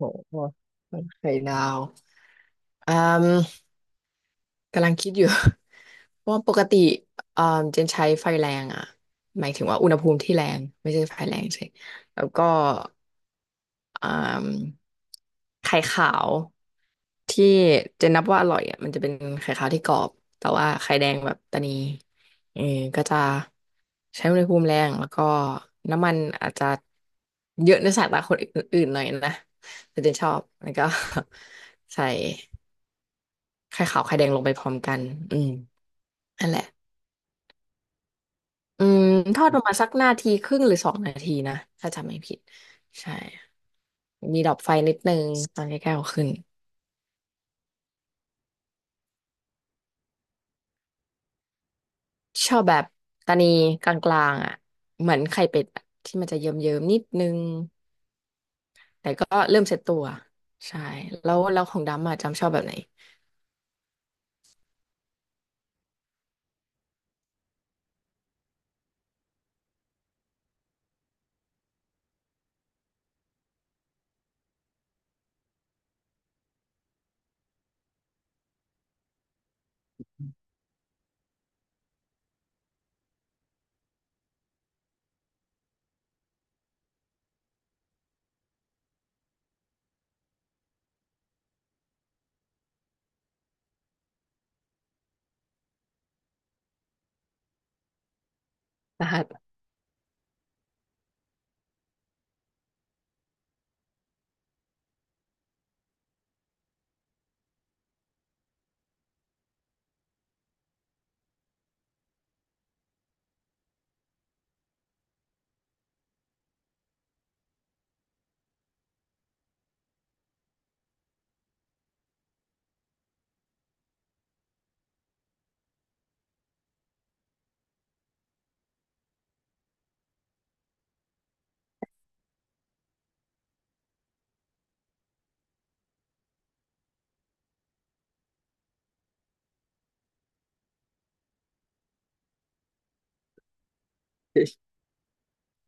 โหไข่ดาวอืมกำลังคิดอยู่ เพราะว่าปกติเจนใช้ไฟแรงอ่ะหมายถึงว่าอุณหภูมิที่แรงไม่ใช่ไฟแรงใช่แล้วก็อืมไข่ขาวที่เจนนับว่าอร่อยอ่ะมันจะเป็นไข่ขาวที่กรอบแต่ว่าไข่แดงแบบตะนีเออก็จะใช้อุณหภูมิแรงแล้วก็น้ำมันอาจจะเยอะในสายตาคนอื่นๆหน่อยนะแต่เจนชอบแล้วก็ ใส่ ไข่ขาวไข่แดงลงไปพร้อมกันอืมนั่นแหละ อืมทอดประมาณสักนาทีครึ่งหรือสองนาทีนะ ถ้าจำไม่ผิด ใช่ มีดับไฟนิดนึงตอนใกล้ๆเอาขึ้น ชอบแบบตานีกลางๆอ่ะ เหมือนไข่เป็ดอะที่มันจะเยิ้มๆนิดนึง แต่ก็เริ่มเซ็ตตัว ใช่ แล้วของดำอ่ะจำชอบแบบไหนรหัส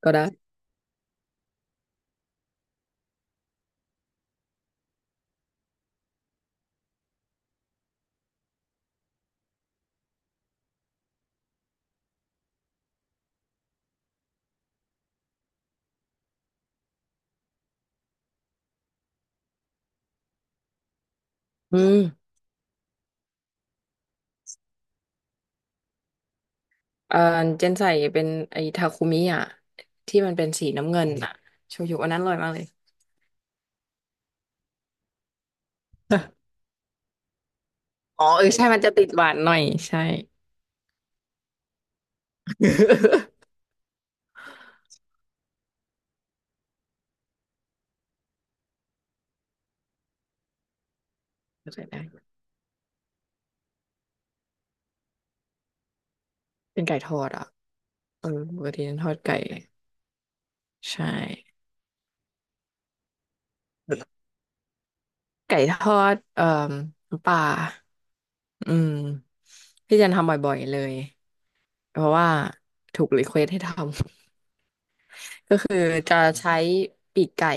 ก็ได้อืมเอ่อเจนใส่เป็นไอ้ทาคุมิอ่ะที่มันเป็นสีน้ำเงินอ่ะโชยุอันนั้นอร่อยมากเลย อ๋อเออใช่มันจะติดหวานหน่อยใช่ เข้าใจได้เป็นไก่ทอดอ่ะเออปกติฉันทอดไก่ใช่ไก่ทอดน้ำปลาอืมที่จะทำบ่อยๆเลยเพราะว่าถูกรีเควสให้ทำ คือจะใช้ปีกไก่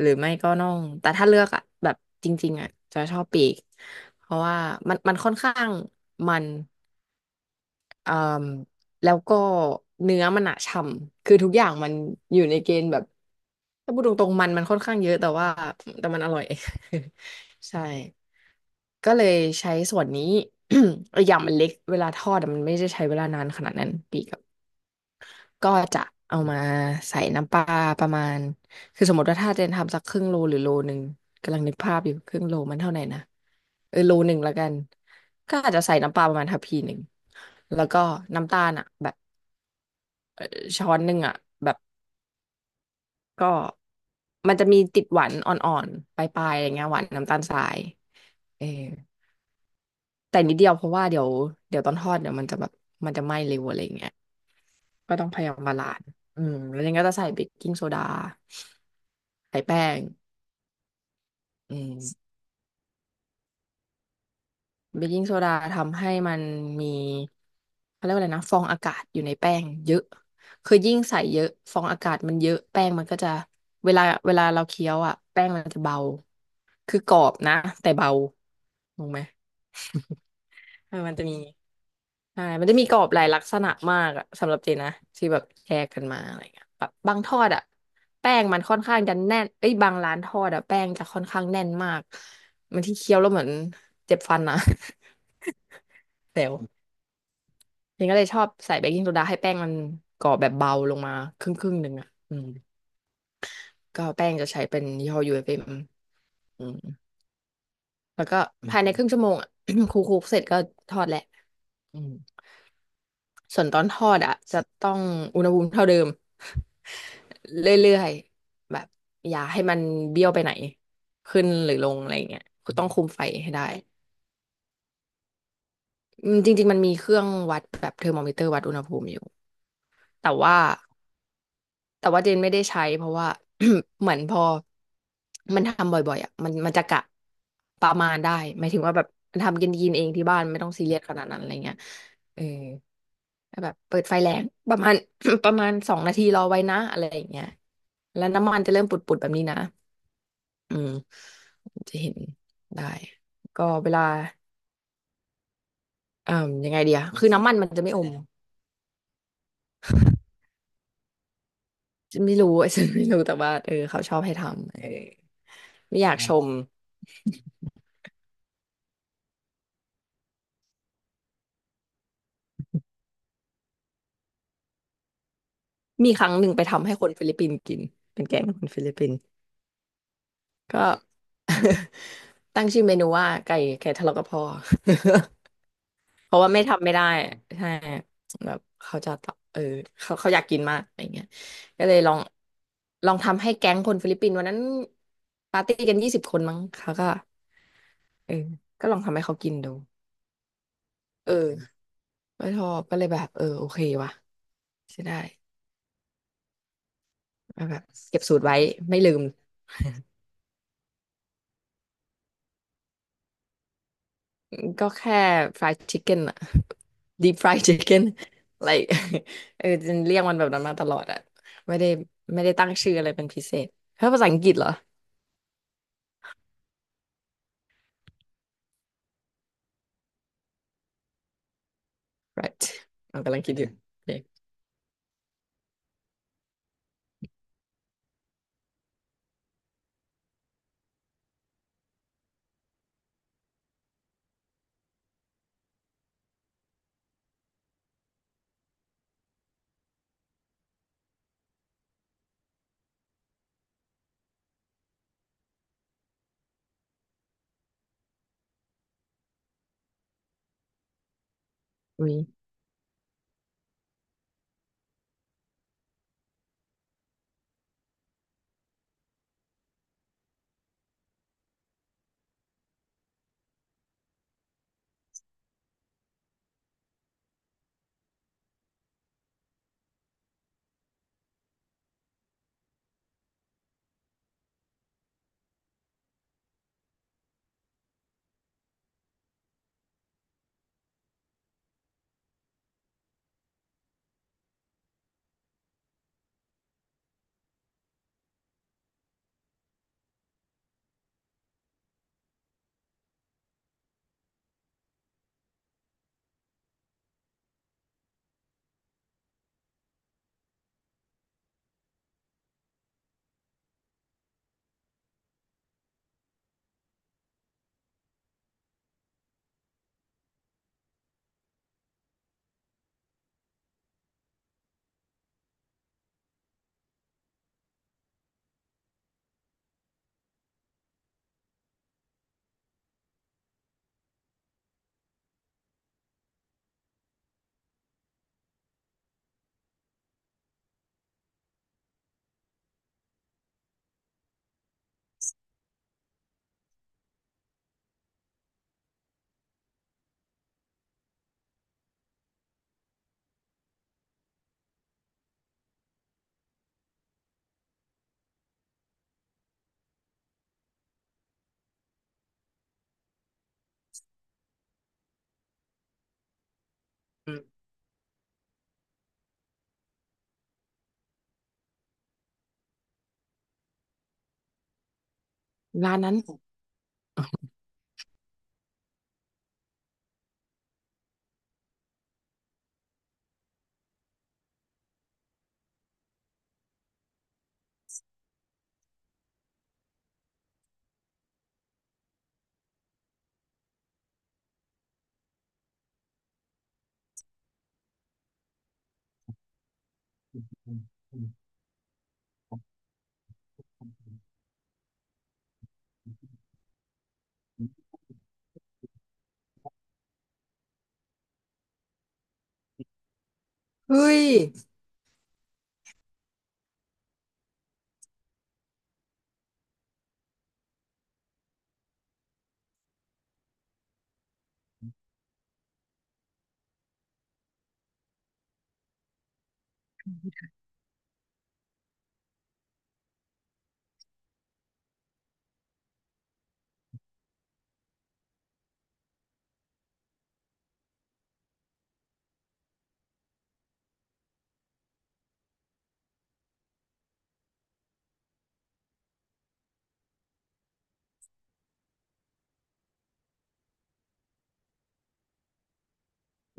หรือไม่ก็น่องแต่ถ้าเลือกอ่ะแบบจริงๆอ่ะจะชอบปีกเพราะว่ามันค่อนข้างมัน อ่าแล้วก็เนื้อมันอะฉ่ำคือทุกอย่างมันอยู่ในเกณฑ์แบบถ้าพูดตรงๆมันค่อนข้างเยอะแต่ว่าแต่มันอร่อย ใช่ก็เลยใช้ส่วนนี้ อกอย่างมันเล็กเวลาทอดอะมันไม่ได้ใช้เวลานานขนาดนั้นปีกับก็จะเอามาใส่น้ำปลาประมาณคือสมมติว่าถ้าเจนทำสักครึ่งโลหรือโลหนึ่งกำลังนึกภาพอยู่ครึ่งโลมันเท่าไหร่นะเออโลหนึ่งละกันก็อาจจะใส่น้ำปลาประมาณทัพพีหนึ่งแล้วก็น้ำตาลอ่ะแบบ เอ่อช้อนหนึ่งอ่ะแบบก็มันจะมีติดหวานอ่อนๆปลายๆอะไรเงี้ยหวานน้ำตาลทรายเออแต่นิดเดียวเพราะว่าเดี๋ยวตอนทอดเดี๋ยวมันจะแบบมันจะไหม้เร็วอะไรเงี้ยก็ต้องพยายามบาลานซ์อืมแล้วยังก็จะใส่เบกกิ้งโซดาใส่แป้งอืม เบกกิ้งโซดาทำให้มันมีเขาเรียกว่าอะไรนะฟองอากาศอยู่ในแป้งเยอะคือยิ่งใส่เยอะฟองอากาศมันเยอะแป้งมันก็จะเวลาเราเคี้ยวอ่ะแป้งมันจะเบาคือกรอบนะแต่เบาถูกไหมเออมันจะมีใช่มันจะมีกรอบหลายลักษณะมากอะสำหรับเจนนะที่แบบแชร์กันมาอะไรเงี้ยแบบบางทอดอ่ะแป้งมันค่อนข้างจะแน่นเอ้ยบางร้านทอดอ่ะแป้งจะค่อนข้างแน่นมากบางที่เคี้ยวแล้วเหมือนเจ็บฟันนะ แซว เจนก็เลยชอบใส่เบกกิ้งโซดาให้แป้งมันกรอบแบบเบาลงมาครึ่งครึ่งหนึ่งอ่ะอืมก็แป้งจะใช้เป็นยี่ห้อยูเอฟเอ็มอืมแล้วก็ภายในครึ่งชั่วโมงอ่ะ คลุกๆเสร็จก็ทอดแหละอืมส่วนตอนทอดอ่ะจะต้องอุณหภูมิเท่าเดิม เรื่อยๆแบบอย่าให้มันเบี้ยวไปไหนขึ้นหรือลงอะไรเงี้ยคือต้องคุมไฟให้ได้อืมจริงๆมันมีเครื่องวัดแบบเทอร์โมมิเตอร์วัดอุณหภูมิอยู่แต่ว่า เจนไม่ได้ใช้เพราะว่า เหมือนพอมันทำบ่อยๆอ่ะมันจะกะประมาณได้หมายถึงว่าแบบมันทำกินกินเองที่บ้านไม่ต้องซีเรียสขนาดนั้นอะไรเงี้ยเออแล้วแบบเปิดไฟแรงประมาณ ประมาณสองนาทีรอไว้นะอะไรอย่างเงี้ยแล้วน้ำมันจะเริ่มปุดๆแบบนี้นะอืมจะเห็นได้ก็เวลาเอ่อยังไงเดียคือน้ำมันมันจะไม่อมไม่รู้ ฉันไม่รู้แต่ว่าเออเขาชอบให้ทำเออไม่อยากชม มีครั้งหนึ่งไปทำให้คนฟิลิปปินส์กินเป็นแกงคนฟิลิปปินส์ก็ ตั้งชื่อเมนูว่าไก่ทะเลาะกับพ่อ เพราะว่าไม่ทำไม่ได้ใช่แบบเขาจะตอบเออเขาอยากกินมากอะไรเงี้ยก็เลยลองทำให้แก๊งคนฟิลิปปินส์วันนั้นปาร์ตี้กัน20 คนมั้งเขาก็เออก็ลองทำให้เขากินดูเออไม่ชอบก็เลยแบบเออโอเควะใช่ได้ก็แบบเก็บสูตรไว้ไม่ลืม ก็แค่ fried chicken อะ deep fried chicken like เออจะเรียกมันแบบนั้นมาตลอดอะไม่ได้ไม่ได้ตั้งชื่ออะไรเป็นพิเศษเพราะภาษาอังกฤษเหรอ right เรากำลังคิดอยู่โอเคอุ้ยอืมร้านนั้นเฮ้ย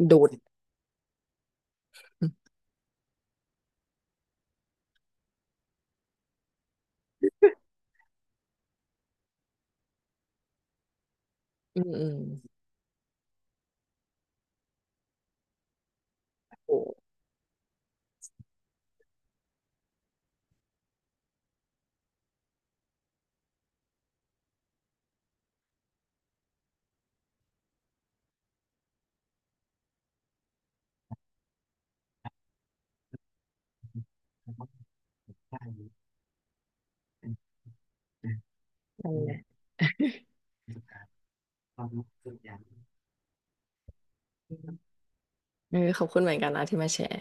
โดดอืมอืมโอ้นั่นแหเออขอบคุณเหมือนกันนะที่มาแชร์